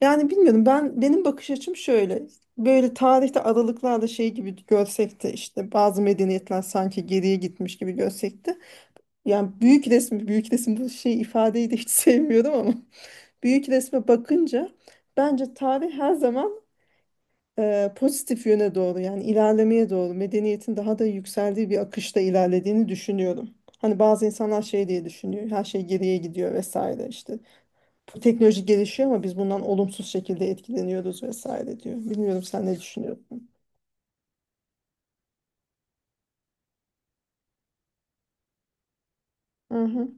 Yani bilmiyorum, ben benim bakış açım şöyle böyle tarihte aralıklarla şey gibi görsek de işte bazı medeniyetler sanki geriye gitmiş gibi görsek de yani büyük resmi büyük resim bu şey ifadeyi de hiç sevmiyorum ama büyük resme bakınca bence tarih her zaman pozitif yöne doğru yani ilerlemeye doğru medeniyetin daha da yükseldiği bir akışta ilerlediğini düşünüyorum. Hani bazı insanlar şey diye düşünüyor, her şey geriye gidiyor vesaire, işte bu teknoloji gelişiyor ama biz bundan olumsuz şekilde etkileniyoruz vesaire diyor. Bilmiyorum sen ne düşünüyorsun? Hı hı,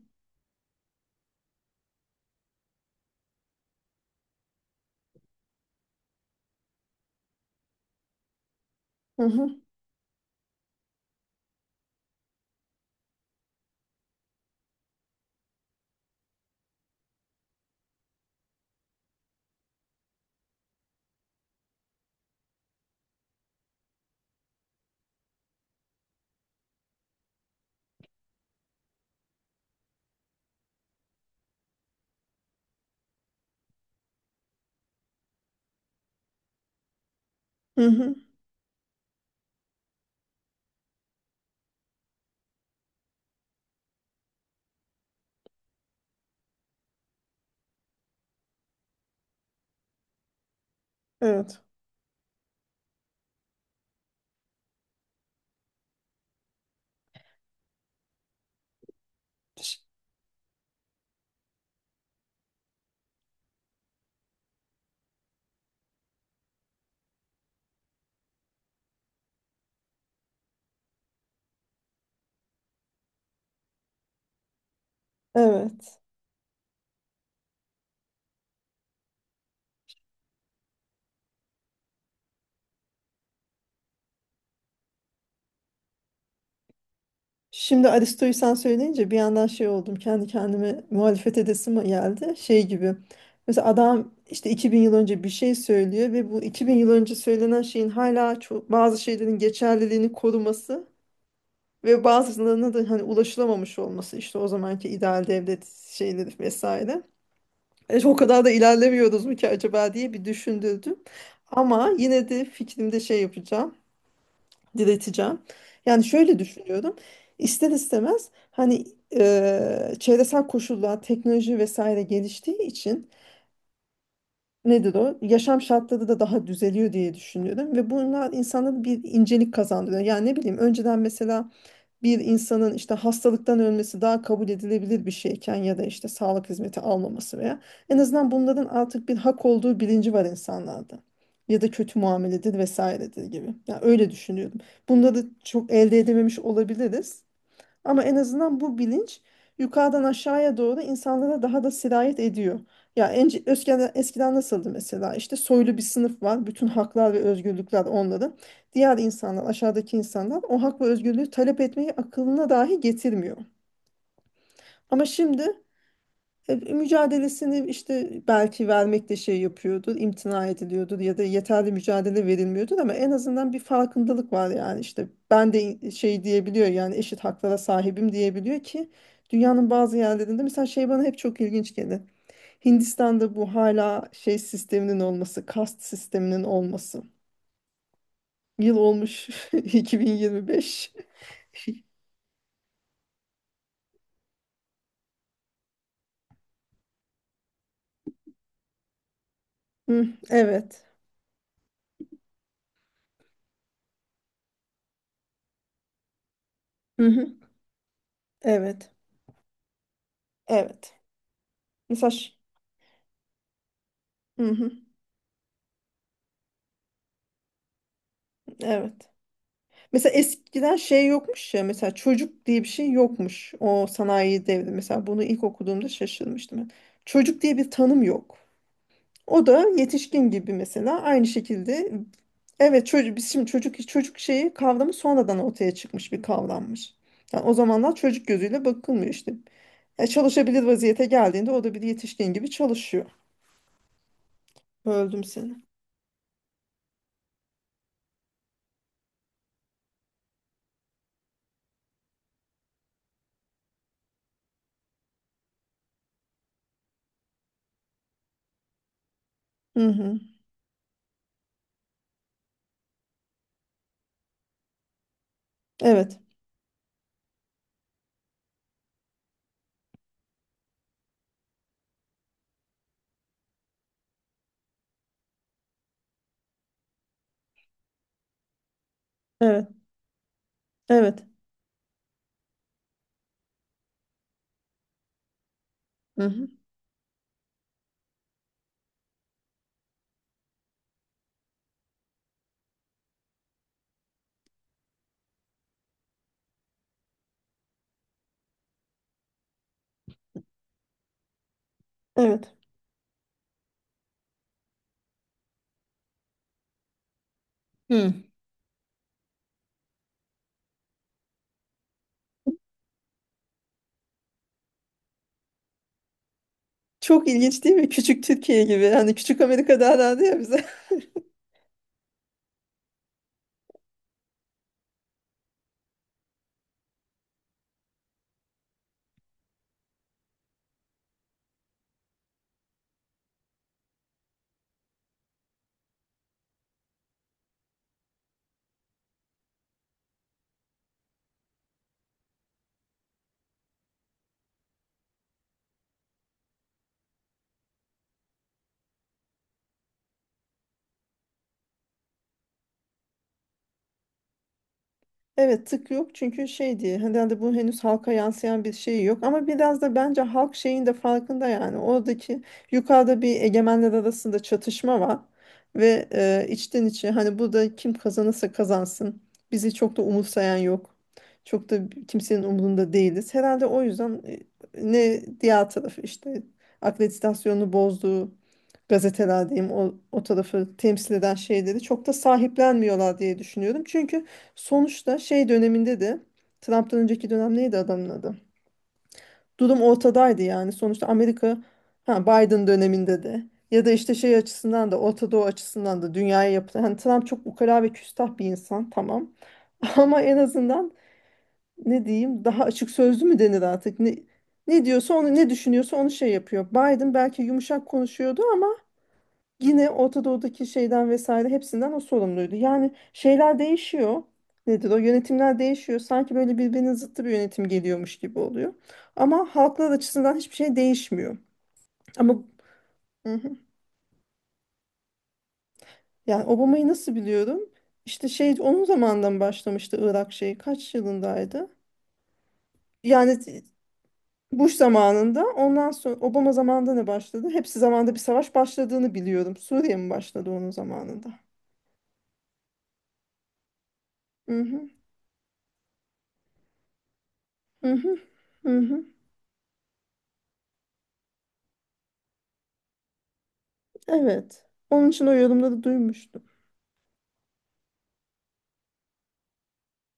hı hı, hı hı. Evet. Ş- Evet. Şimdi Aristo'yu sen söyleyince bir yandan şey oldum. Kendi kendime muhalefet edesim geldi. Şey gibi. Mesela adam işte 2000 yıl önce bir şey söylüyor ve bu 2000 yıl önce söylenen şeyin hala çok, bazı şeylerin geçerliliğini koruması ve bazılarına da hani ulaşılamamış olması, işte o zamanki ideal devlet şeyleri vesaire. O kadar da ilerlemiyoruz mu ki acaba diye bir düşündürdüm. Ama yine de fikrimde şey yapacağım, direteceğim. Yani şöyle düşünüyorum. İster istemez hani çevresel koşullar, teknoloji vesaire geliştiği için, nedir o? Yaşam şartları da daha düzeliyor diye düşünüyorum. Ve bunlar insanlara bir incelik kazandırıyor. Yani ne bileyim, önceden mesela bir insanın işte hastalıktan ölmesi daha kabul edilebilir bir şeyken ya da işte sağlık hizmeti almaması veya, en azından bunların artık bir hak olduğu bilinci var insanlarda. Ya da kötü muameledir vesairedir gibi. Yani öyle düşünüyorum. Bunları çok elde edememiş olabiliriz. Ama en azından bu bilinç yukarıdan aşağıya doğru insanlara daha da sirayet ediyor. Ya eskiden nasıldı mesela? İşte soylu bir sınıf var. Bütün haklar ve özgürlükler onların. Diğer insanlar, aşağıdaki insanlar o hak ve özgürlüğü talep etmeyi akılına dahi getirmiyor. Ama şimdi mücadelesini işte belki vermekte şey yapıyordur, imtina ediliyordur ya da yeterli mücadele verilmiyordur ama en azından bir farkındalık var, yani işte ben de şey diyebiliyor, yani eşit haklara sahibim diyebiliyor ki dünyanın bazı yerlerinde mesela şey bana hep çok ilginç gelir. Hindistan'da bu hala şey sisteminin olması, kast sisteminin olması. Yıl olmuş 2025. Hı, evet. Hı hı, evet. Evet. Mesaj. Hı hı, evet. Mesela eskiden şey yokmuş ya, mesela çocuk diye bir şey yokmuş o sanayi devri. Mesela bunu ilk okuduğumda şaşırmıştım ben. Çocuk diye bir tanım yok. O da yetişkin gibi mesela aynı şekilde, evet çocuk, biz şimdi çocuk şeyi, kavramı, sonradan ortaya çıkmış bir kavrammış. Yani o zamanlar çocuk gözüyle bakılmıyor işte. Ya çalışabilir vaziyete geldiğinde o da bir yetişkin gibi çalışıyor. Öldüm seni. Hı hı. Evet. Evet. Evet. Hı hı. Evet. Hı. Çok ilginç değil mi? Küçük Türkiye gibi. Hani küçük Amerika daha derdi ya bize. Evet, tık yok çünkü şey diye herhalde bu henüz halka yansıyan bir şey yok ama biraz da bence halk şeyin de farkında, yani oradaki yukarıda bir egemenler arasında çatışma var ve içten içe hani burada kim kazanırsa kazansın bizi çok da umursayan yok, çok da kimsenin umurunda değiliz herhalde, o yüzden ne diğer tarafı işte akreditasyonunu bozduğu gazeteler diyeyim, o tarafı temsil eden şeyleri çok da sahiplenmiyorlar diye düşünüyorum çünkü sonuçta şey döneminde de, Trump'tan önceki dönem neydi adamın adı? Durum ortadaydı yani. Sonuçta Amerika, ha, Biden döneminde de ya da işte şey açısından da, Orta Doğu açısından da dünyaya yapılan. Hani Trump çok ukala ve küstah bir insan, tamam. Ama en azından, ne diyeyim, daha açık sözlü mü denir artık? Ne diyorsa onu, ne düşünüyorsa onu şey yapıyor. Biden belki yumuşak konuşuyordu ama. Yine Orta Doğu'daki şeyden vesaire, hepsinden o sorumluydu. Yani şeyler değişiyor. Nedir o? Yönetimler değişiyor. Sanki böyle birbirinin zıttı bir yönetim geliyormuş gibi oluyor. Ama halklar açısından hiçbir şey değişmiyor. Ama hı hı, yani Obama'yı nasıl biliyorum? İşte şey, onun zamanından başlamıştı Irak şeyi. Kaç yılındaydı? Yani Bush zamanında, ondan sonra Obama zamanında ne başladı? Hepsi zamanında bir savaş başladığını biliyorum. Suriye mi başladı onun zamanında? Hı hı. Hı hı. Hı hı. Evet. Onun için o yorumda da duymuştum.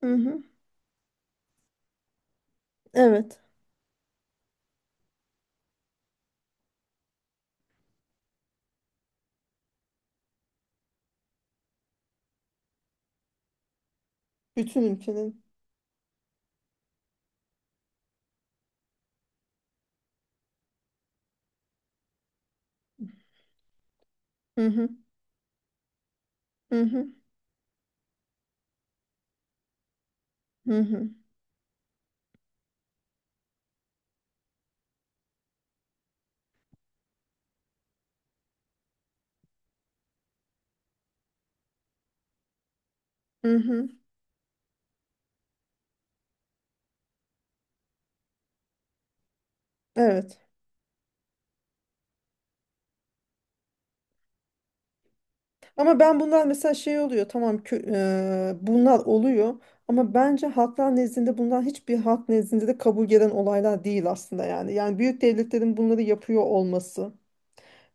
Hı hı. Evet. Bütün ülkelerin. Hı hı. Hı hı. Hı hı. Hı hı. Evet. Ama ben bunlar mesela şey oluyor. Tamam, bunlar oluyor. Ama bence halklar nezdinde bunlar, hiçbir halk nezdinde de kabul gelen olaylar değil aslında yani. Yani büyük devletlerin bunları yapıyor olması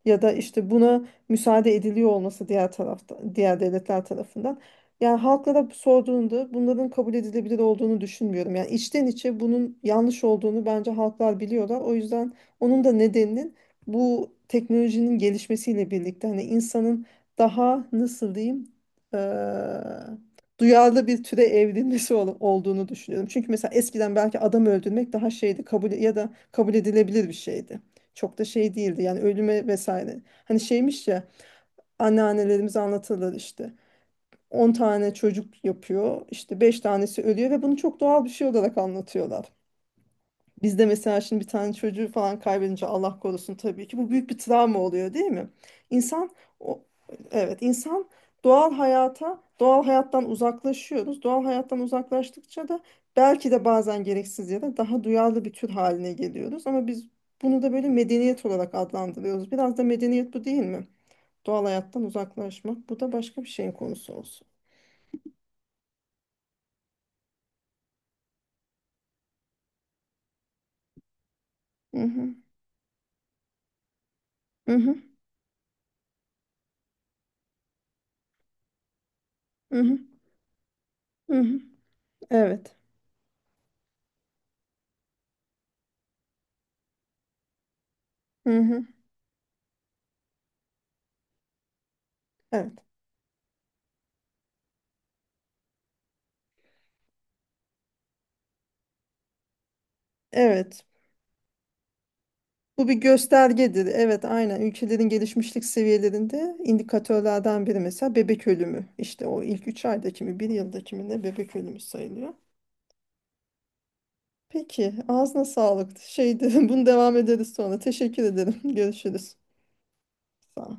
ya da işte buna müsaade ediliyor olması diğer tarafta, diğer devletler tarafından. Yani halklara sorduğunda bunların kabul edilebilir olduğunu düşünmüyorum. Yani içten içe bunun yanlış olduğunu bence halklar biliyorlar. O yüzden onun da nedeninin bu teknolojinin gelişmesiyle birlikte hani insanın daha, nasıl diyeyim, eee, duyarlı bir türe evrilmesi olduğunu düşünüyorum. Çünkü mesela eskiden belki adam öldürmek daha şeydi, kabul, ya da kabul edilebilir bir şeydi. Çok da şey değildi yani, ölüme vesaire. Hani şeymiş ya, anneannelerimiz anlatırlar işte. 10 tane çocuk yapıyor, işte 5 tanesi ölüyor ve bunu çok doğal bir şey olarak anlatıyorlar. Bizde mesela şimdi bir tane çocuğu falan kaybedince, Allah korusun, tabii ki bu büyük bir travma oluyor değil mi? İnsan, o, evet, insan doğal hayata, doğal hayattan uzaklaşıyoruz. Doğal hayattan uzaklaştıkça da belki de bazen gereksiz yere daha duyarlı bir tür haline geliyoruz, ama biz bunu da böyle medeniyet olarak adlandırıyoruz. Biraz da medeniyet bu değil mi? Doğal hayattan uzaklaşmak. Bu da başka bir şeyin konusu olsun. Hı hı. Hı hı. Hı hı. Hı hı. Evet. Hı hı. Evet. Evet. Bu bir göstergedir. Evet, aynen. Ülkelerin gelişmişlik seviyelerinde indikatörlerden biri mesela bebek ölümü. İşte o ilk 3 aydaki mi, bir yıldaki mi ne, bebek ölümü sayılıyor. Peki, ağzına sağlık. Şeydi, bunu devam ederiz sonra. Teşekkür ederim. Görüşürüz. Sağ ol.